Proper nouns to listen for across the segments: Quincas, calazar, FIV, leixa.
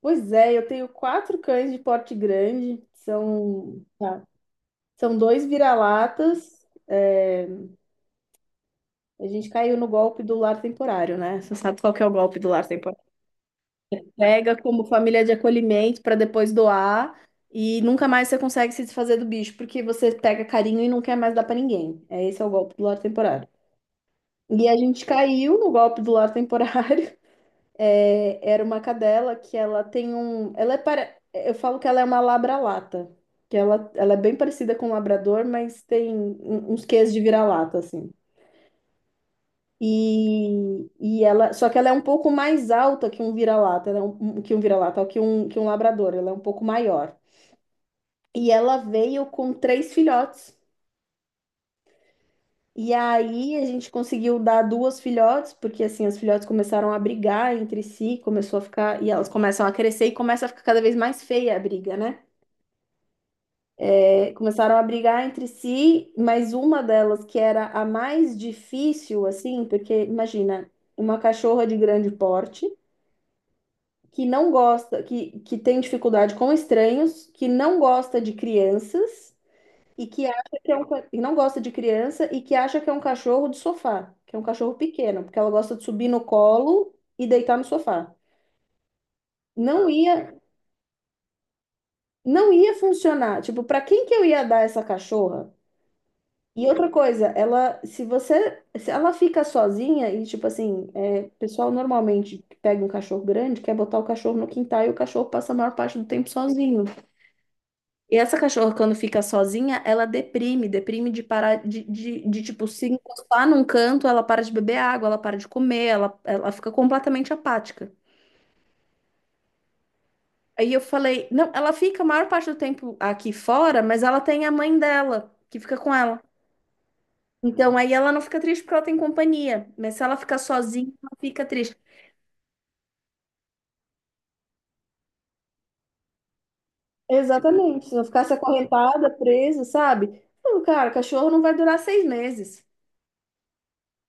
Pois é, eu tenho quatro cães de porte grande, são dois vira-latas. A gente caiu no golpe do lar temporário, né? Você sabe qual que é o golpe do lar temporário? Pega como família de acolhimento para depois doar e nunca mais você consegue se desfazer do bicho, porque você pega carinho e não quer mais dar para ninguém. Esse é o golpe do lar temporário. E a gente caiu no golpe do lar temporário. Era uma cadela que ela tem um. Eu falo que ela é uma labra-lata. Que ela é bem parecida com um labrador, mas tem uns quês de vira-lata, assim. E ela, só que ela é um pouco mais alta que um vira-lata, ela é um, que um vira-lata, que um labrador, ela é um pouco maior. E ela veio com três filhotes. E aí a gente conseguiu dar duas filhotes, porque assim, as filhotes começaram a brigar entre si, começou a ficar, e elas começam a crescer e começa a ficar cada vez mais feia a briga, né? É, começaram a brigar entre si, mas uma delas, que era a mais difícil, assim, porque imagina, uma cachorra de grande porte, que não gosta, que tem dificuldade com estranhos, que não gosta de crianças. E que acha que é um, e não gosta de criança e que acha que é um cachorro de sofá, que é um cachorro pequeno, porque ela gosta de subir no colo e deitar no sofá. Não ia, não ia funcionar. Tipo, para quem que eu ia dar essa cachorra? E outra coisa, ela, se você, se ela fica sozinha e tipo assim, é, o pessoal normalmente que pega um cachorro grande quer botar o cachorro no quintal e o cachorro passa a maior parte do tempo sozinho. E essa cachorra, quando fica sozinha, ela deprime, deprime de parar tipo, se encostar num canto, ela para de beber água, ela para de comer, ela fica completamente apática. Aí eu falei, não, ela fica a maior parte do tempo aqui fora, mas ela tem a mãe dela, que fica com ela. Então aí ela não fica triste porque ela tem companhia, mas se ela ficar sozinha, ela fica triste. Exatamente, se não ficasse acorrentada, presa, sabe? Não, cara, cachorro não vai durar 6 meses.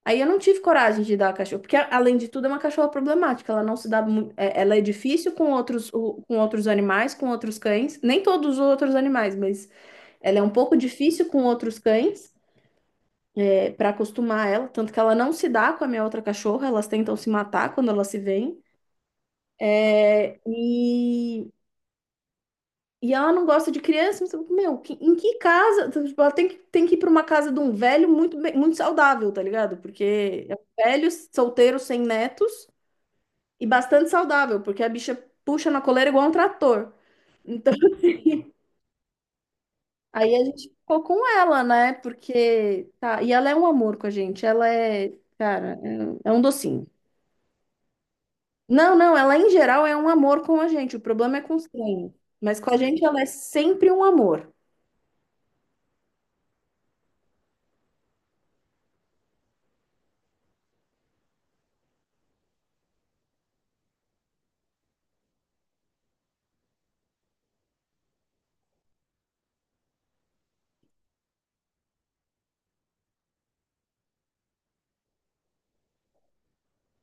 Aí eu não tive coragem de dar a cachorra, porque além de tudo é uma cachorra problemática, ela não se dá muito, ela é difícil com outros, com outros animais, com outros cães, nem todos os outros animais, mas ela é um pouco difícil com outros cães, para acostumar ela, tanto que ela não se dá com a minha outra cachorra, elas tentam se matar quando elas se veem. é, E, e ela não gosta de criança, mas, meu, em que casa? Então, tipo, ela tem que ir para uma casa de um velho muito saudável, tá ligado? Porque é um velho solteiro sem netos e bastante saudável, porque a bicha puxa na coleira igual um trator. Então, aí a gente ficou com ela, né? Porque, tá, e ela é um amor com a gente, ela é, cara, é um docinho. Não, não, ela em geral é um amor com a gente, o problema é com os estranhos. Mas com a gente ela é sempre um amor.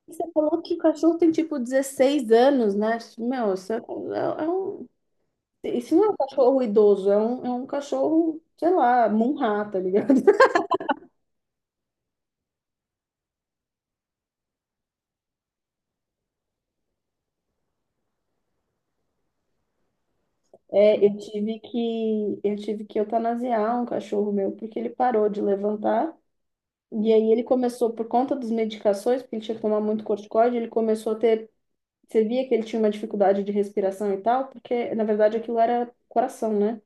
Você falou que o cachorro tem tipo 16 anos, né? Meu, isso é um, isso não é um cachorro idoso, é um cachorro, sei lá, Munhá, tá ligado? É, eu tive que eutanasiar um cachorro meu porque ele parou de levantar e aí ele começou por conta das medicações, porque ele tinha que tomar muito corticoide, ele começou a ter, você via que ele tinha uma dificuldade de respiração e tal, porque na verdade aquilo era coração, né?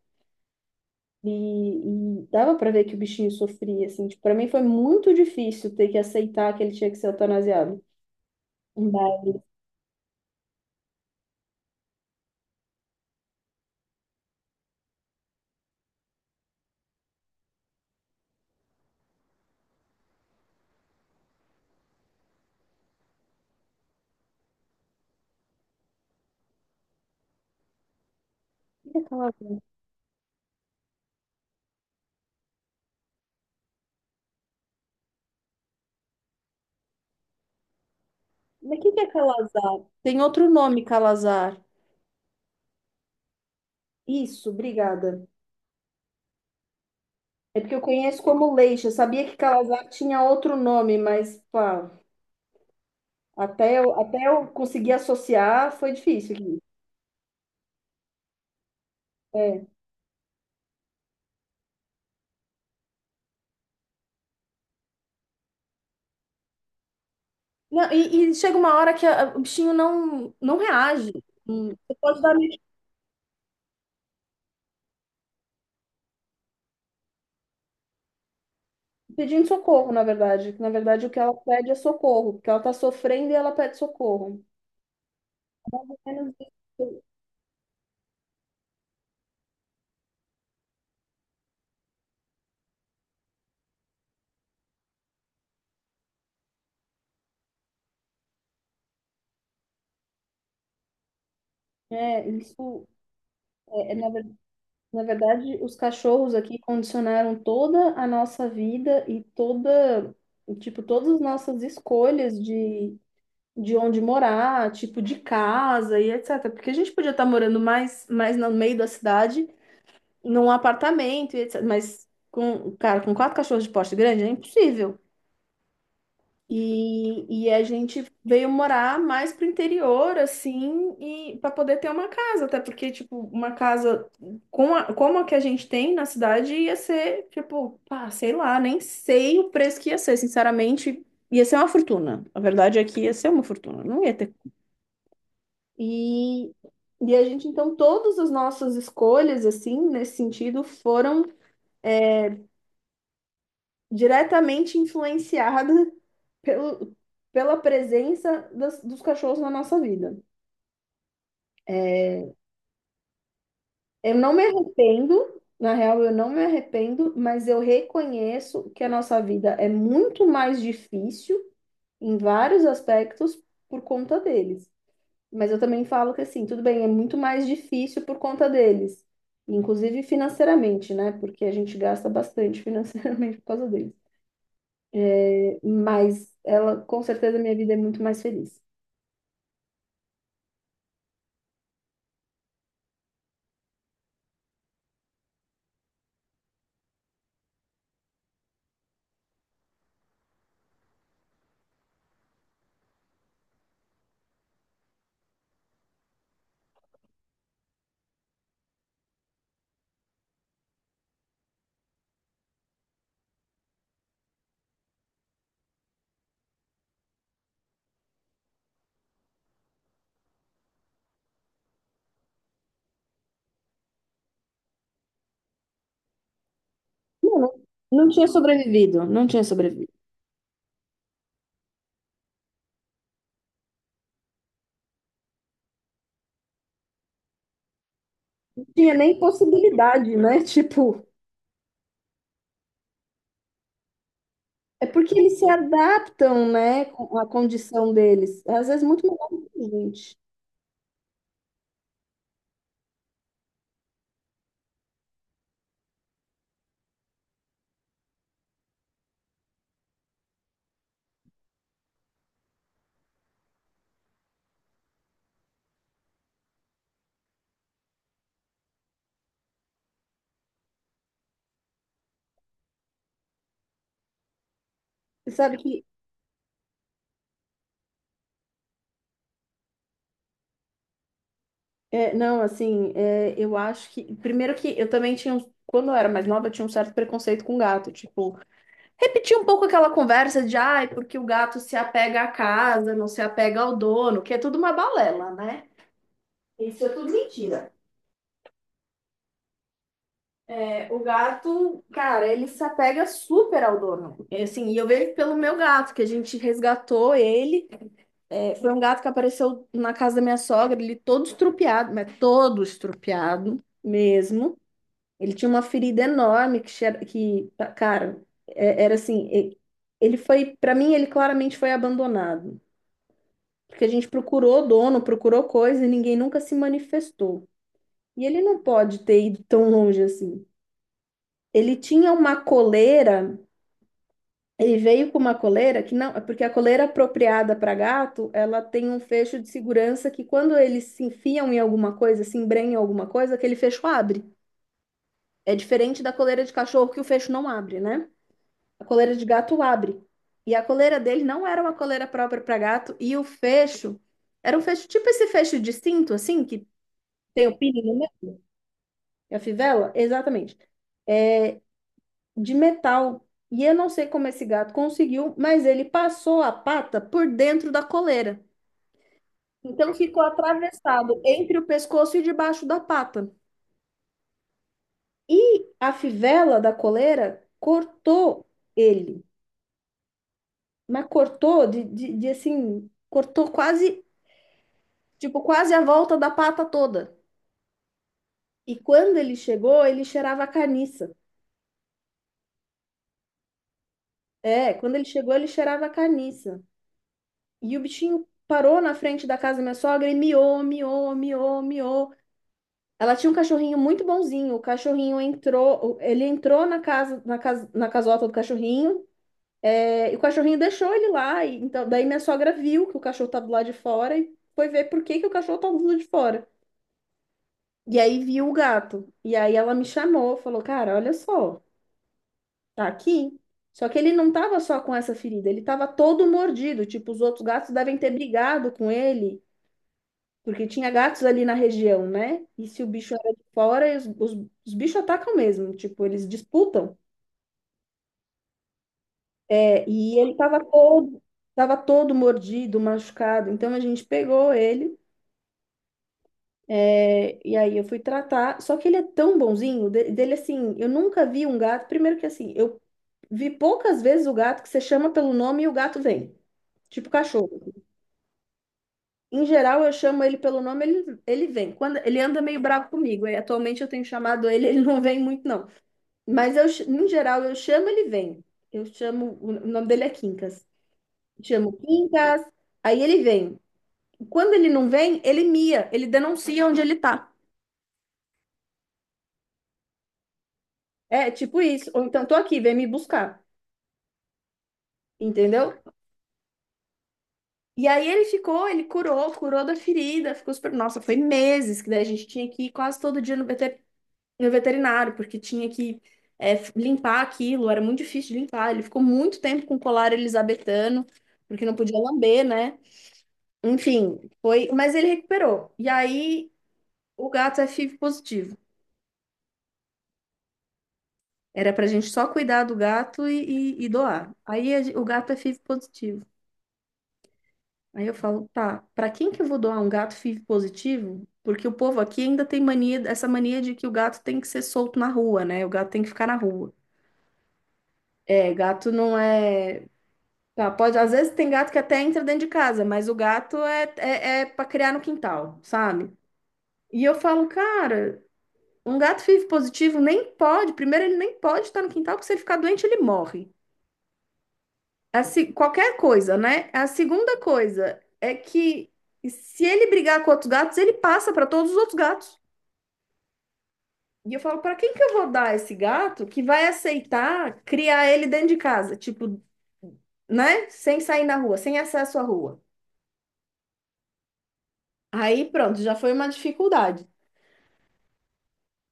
E dava pra ver que o bichinho sofria assim, tipo, para mim foi muito difícil ter que aceitar que ele tinha que ser eutanasiado. Mas o que é calazar? Mas o que que é calazar? Tem outro nome, calazar. Isso, obrigada. É porque eu conheço como leixa. Eu sabia que calazar tinha outro nome, mas pá, até eu conseguir associar foi difícil aqui. É. Não, e chega uma hora que o bichinho não, não reage. Você pode estar me pedindo socorro, na verdade. Na verdade, o que ela pede é socorro, porque ela está sofrendo e ela pede socorro. Pelo menos isso, é, isso na verdade. Na verdade, os cachorros aqui condicionaram toda a nossa vida e toda, tipo, todas as nossas escolhas de onde morar, tipo, de casa e etc. Porque a gente podia estar morando mais no meio da cidade, num apartamento e etc. Mas, com, cara, com quatro cachorros de porte grande é impossível. E a gente veio morar mais pro interior, assim, e para poder ter uma casa, até porque, tipo, uma casa com como a que a gente tem na cidade ia ser, tipo, pá, sei lá, nem sei o preço que ia ser, sinceramente, ia ser uma fortuna. A verdade é que ia ser uma fortuna, não ia ter. E, e a gente, então, todas as nossas escolhas, assim, nesse sentido, foram diretamente influenciada pelo, pela presença dos cachorros na nossa vida. Eu não me arrependo, na real, eu não me arrependo, mas eu reconheço que a nossa vida é muito mais difícil em vários aspectos por conta deles. Mas eu também falo que, assim, tudo bem, é muito mais difícil por conta deles. Inclusive financeiramente, né? Porque a gente gasta bastante financeiramente por causa deles. Mas ela, com certeza, minha vida é muito mais feliz. Não, não tinha sobrevivido, não tinha sobrevivido. Não tinha nem possibilidade, né? Tipo, é porque eles se adaptam, né, com a condição deles. É, às vezes muito melhor do que a gente. Você sabe que, é, não, assim, é, eu acho que. Primeiro que eu também tinha. Quando eu era mais nova, eu tinha um certo preconceito com gato. Tipo, repetir um pouco aquela conversa de, ai, porque o gato se apega à casa, não se apega ao dono, que é tudo uma balela, né? Isso é tudo mentira. É, o gato, cara, ele se apega super ao dono. É, assim, e eu vejo pelo meu gato, que a gente resgatou ele. É, foi um gato que apareceu na casa da minha sogra, ele todo estrupiado, mas todo estrupiado mesmo. Ele tinha uma ferida enorme que, que cara, era assim, ele foi, para mim, ele claramente foi abandonado. Porque a gente procurou dono, procurou coisa e ninguém nunca se manifestou. E ele não pode ter ido tão longe assim. Ele tinha uma coleira, ele veio com uma coleira que não, é porque a coleira apropriada para gato, ela tem um fecho de segurança que quando eles se enfiam em alguma coisa, se embrenham em alguma coisa, aquele fecho abre. É diferente da coleira de cachorro que o fecho não abre, né? A coleira de gato abre. E a coleira dele não era uma coleira própria para gato e o fecho era um fecho tipo esse fecho de cinto assim que tem o pino no meio, a fivela, exatamente, de metal. E eu não sei como esse gato conseguiu, mas ele passou a pata por dentro da coleira. Então ficou atravessado entre o pescoço e debaixo da pata. E a fivela da coleira cortou ele, mas cortou assim, cortou quase, tipo, quase a volta da pata toda. E quando ele chegou, ele cheirava a carniça. É, quando ele chegou, ele cheirava a carniça. E o bichinho parou na frente da casa da minha sogra e miou, miou, miou, miou. Ela tinha um cachorrinho muito bonzinho. O cachorrinho entrou, ele entrou na casa, na casota do cachorrinho, e o cachorrinho deixou ele lá. E, então, daí minha sogra viu que o cachorro tava do lado de fora e foi ver por que que o cachorro tava do lado de fora. E aí viu o gato. E aí ela me chamou, falou: "Cara, olha só, tá aqui". Só que ele não tava só com essa ferida, ele tava todo mordido, tipo, os outros gatos devem ter brigado com ele porque tinha gatos ali na região, né? E se o bicho era de fora, os bichos atacam mesmo, tipo, eles disputam. É, e ele tava todo mordido, machucado. Então a gente pegou ele, e aí eu fui tratar. Só que ele é tão bonzinho, dele assim, eu nunca vi um gato. Primeiro que assim, eu vi poucas vezes o gato que você chama pelo nome e o gato vem. Tipo cachorro. Em geral, eu chamo ele pelo nome, ele vem. Quando ele anda meio bravo comigo. E atualmente eu tenho chamado ele, ele não vem muito, não. Mas eu, no geral, eu chamo, ele vem. Eu chamo, o nome dele é Quincas. Chamo Quincas, aí ele vem. Quando ele não vem, ele mia, ele denuncia onde ele tá. É, tipo isso. Ou então, tô aqui, vem me buscar. Entendeu? E aí ele ficou, ele curou, curou da ferida, ficou super. Nossa, foi meses que daí a gente tinha que ir quase todo dia no no veterinário, porque tinha que limpar aquilo, era muito difícil de limpar. Ele ficou muito tempo com colar elisabetano, porque não podia lamber, né? Enfim, foi, mas ele recuperou. E aí o gato é FIV positivo. Era pra gente só cuidar do gato e doar. Aí o gato é FIV positivo. Aí eu falo, tá, pra quem que eu vou doar um gato FIV positivo? Porque o povo aqui ainda tem mania, essa mania de que o gato tem que ser solto na rua, né? O gato tem que ficar na rua. É, gato não é. Tá, pode, às vezes tem gato que até entra dentro de casa, mas o gato é, é, é para criar no quintal, sabe? E eu falo, cara. Um gato FIV positivo nem pode, primeiro, ele nem pode estar no quintal, porque se ele ficar doente, ele morre. A se- qualquer coisa, né? A segunda coisa é que se ele brigar com outros gatos, ele passa para todos os outros gatos. E eu falo, para quem que eu vou dar esse gato que vai aceitar criar ele dentro de casa? Tipo, né? Sem sair na rua, sem acesso à rua. Aí pronto, já foi uma dificuldade.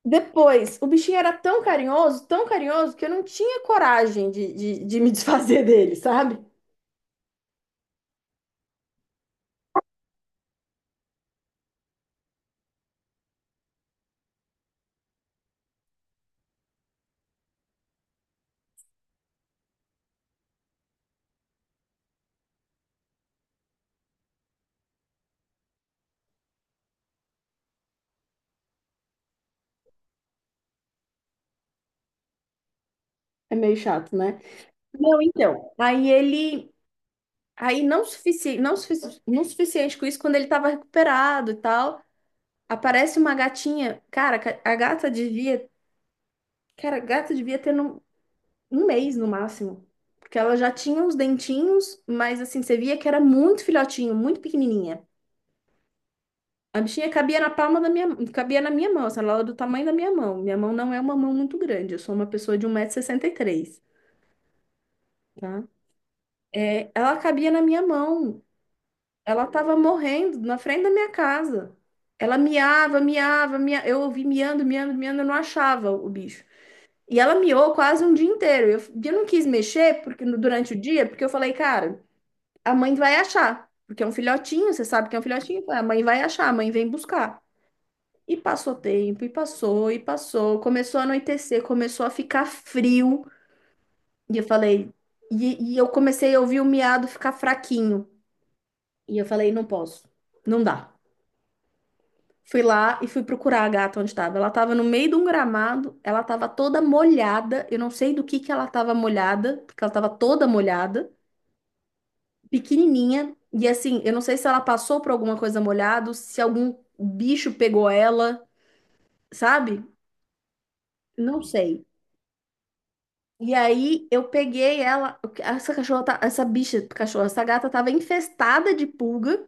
Depois, o bichinho era tão carinhoso, que eu não tinha coragem de me desfazer dele, sabe? É meio chato, né? Não, então. Aí ele. Aí não, sufici... não, sufici... não suficiente com isso, quando ele tava recuperado e tal, aparece uma gatinha. Cara, a gata devia. Cara, a gata devia ter um mês no máximo. Porque ela já tinha os dentinhos, mas assim, você via que era muito filhotinho, muito pequenininha. A bichinha cabia na palma da minha, cabia na minha mão, assim, ela era do tamanho da minha mão. Minha mão não é uma mão muito grande, eu sou uma pessoa de 1,63 m, tá? É, ela cabia na minha mão. Ela estava morrendo na frente da minha casa. Ela miava, miava, eu ouvi miando, miando, miando, eu não achava o bicho. E ela miou quase um dia inteiro. Eu não quis mexer porque durante o dia, porque eu falei, cara, a mãe vai achar, porque é um filhotinho, você sabe que é um filhotinho, a mãe vai achar, a mãe vem buscar. E passou tempo, e passou, começou a anoitecer, começou a ficar frio. E eu falei, e eu comecei a ouvir o miado ficar fraquinho. E eu falei, não posso, não dá. Fui lá e fui procurar a gata onde estava. Ela estava no meio de um gramado, ela estava toda molhada. Eu não sei do que ela estava molhada, porque ela estava toda molhada, pequenininha. E assim, eu não sei se ela passou por alguma coisa molhada, se algum bicho pegou ela, sabe? Não sei. E aí eu peguei ela, essa cachorra, tá- essa bicha, cachorra, essa gata estava infestada de pulga.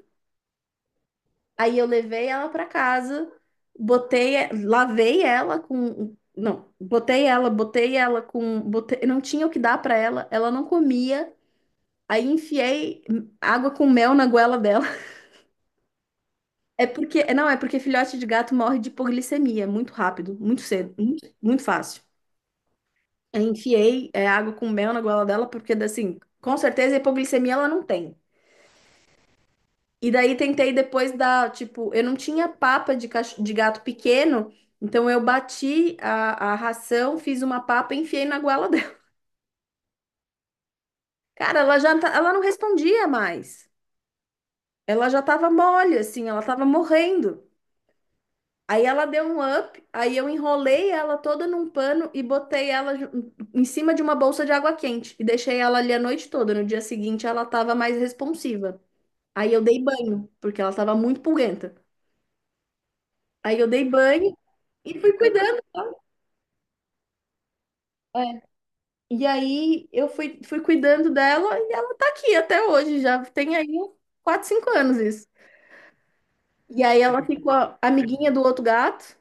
Aí eu levei ela para casa, botei ela com, botei, não tinha o que dar para ela, ela não comia. Aí enfiei água com mel na goela dela. É porque, não, é porque filhote de gato morre de hipoglicemia é muito rápido, muito cedo, muito, muito fácil. Aí enfiei água com mel na goela dela porque assim, com certeza hipoglicemia ela não tem. E daí tentei depois dar, tipo, eu não tinha papa de gato pequeno, então eu bati a ração, fiz uma papa e enfiei na goela dela. Cara, ela não respondia mais. Ela já tava mole, assim, ela tava morrendo. Aí ela deu um up, aí eu enrolei ela toda num pano e botei ela em cima de uma bolsa de água quente e deixei ela ali a noite toda. No dia seguinte ela tava mais responsiva. Aí eu dei banho, porque ela tava muito pulguenta. Aí eu dei banho e fui cuidando. E aí eu fui, fui cuidando dela e ela tá aqui até hoje, já tem aí 4 5 anos isso. E aí ela ficou amiguinha do outro gato,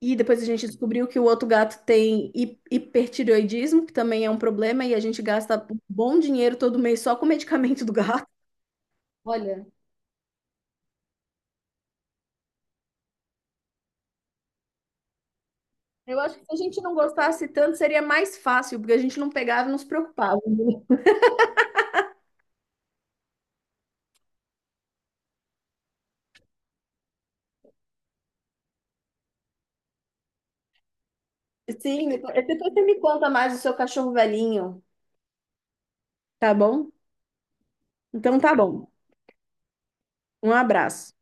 e depois a gente descobriu que o outro gato tem hipertireoidismo, que também é um problema, e a gente gasta um bom dinheiro todo mês só com o medicamento do gato. Olha, eu acho que se a gente não gostasse tanto, seria mais fácil, porque a gente não pegava e não se preocupava. Sim, depois você me conta mais do seu cachorro velhinho, tá bom? Então tá bom. Um abraço.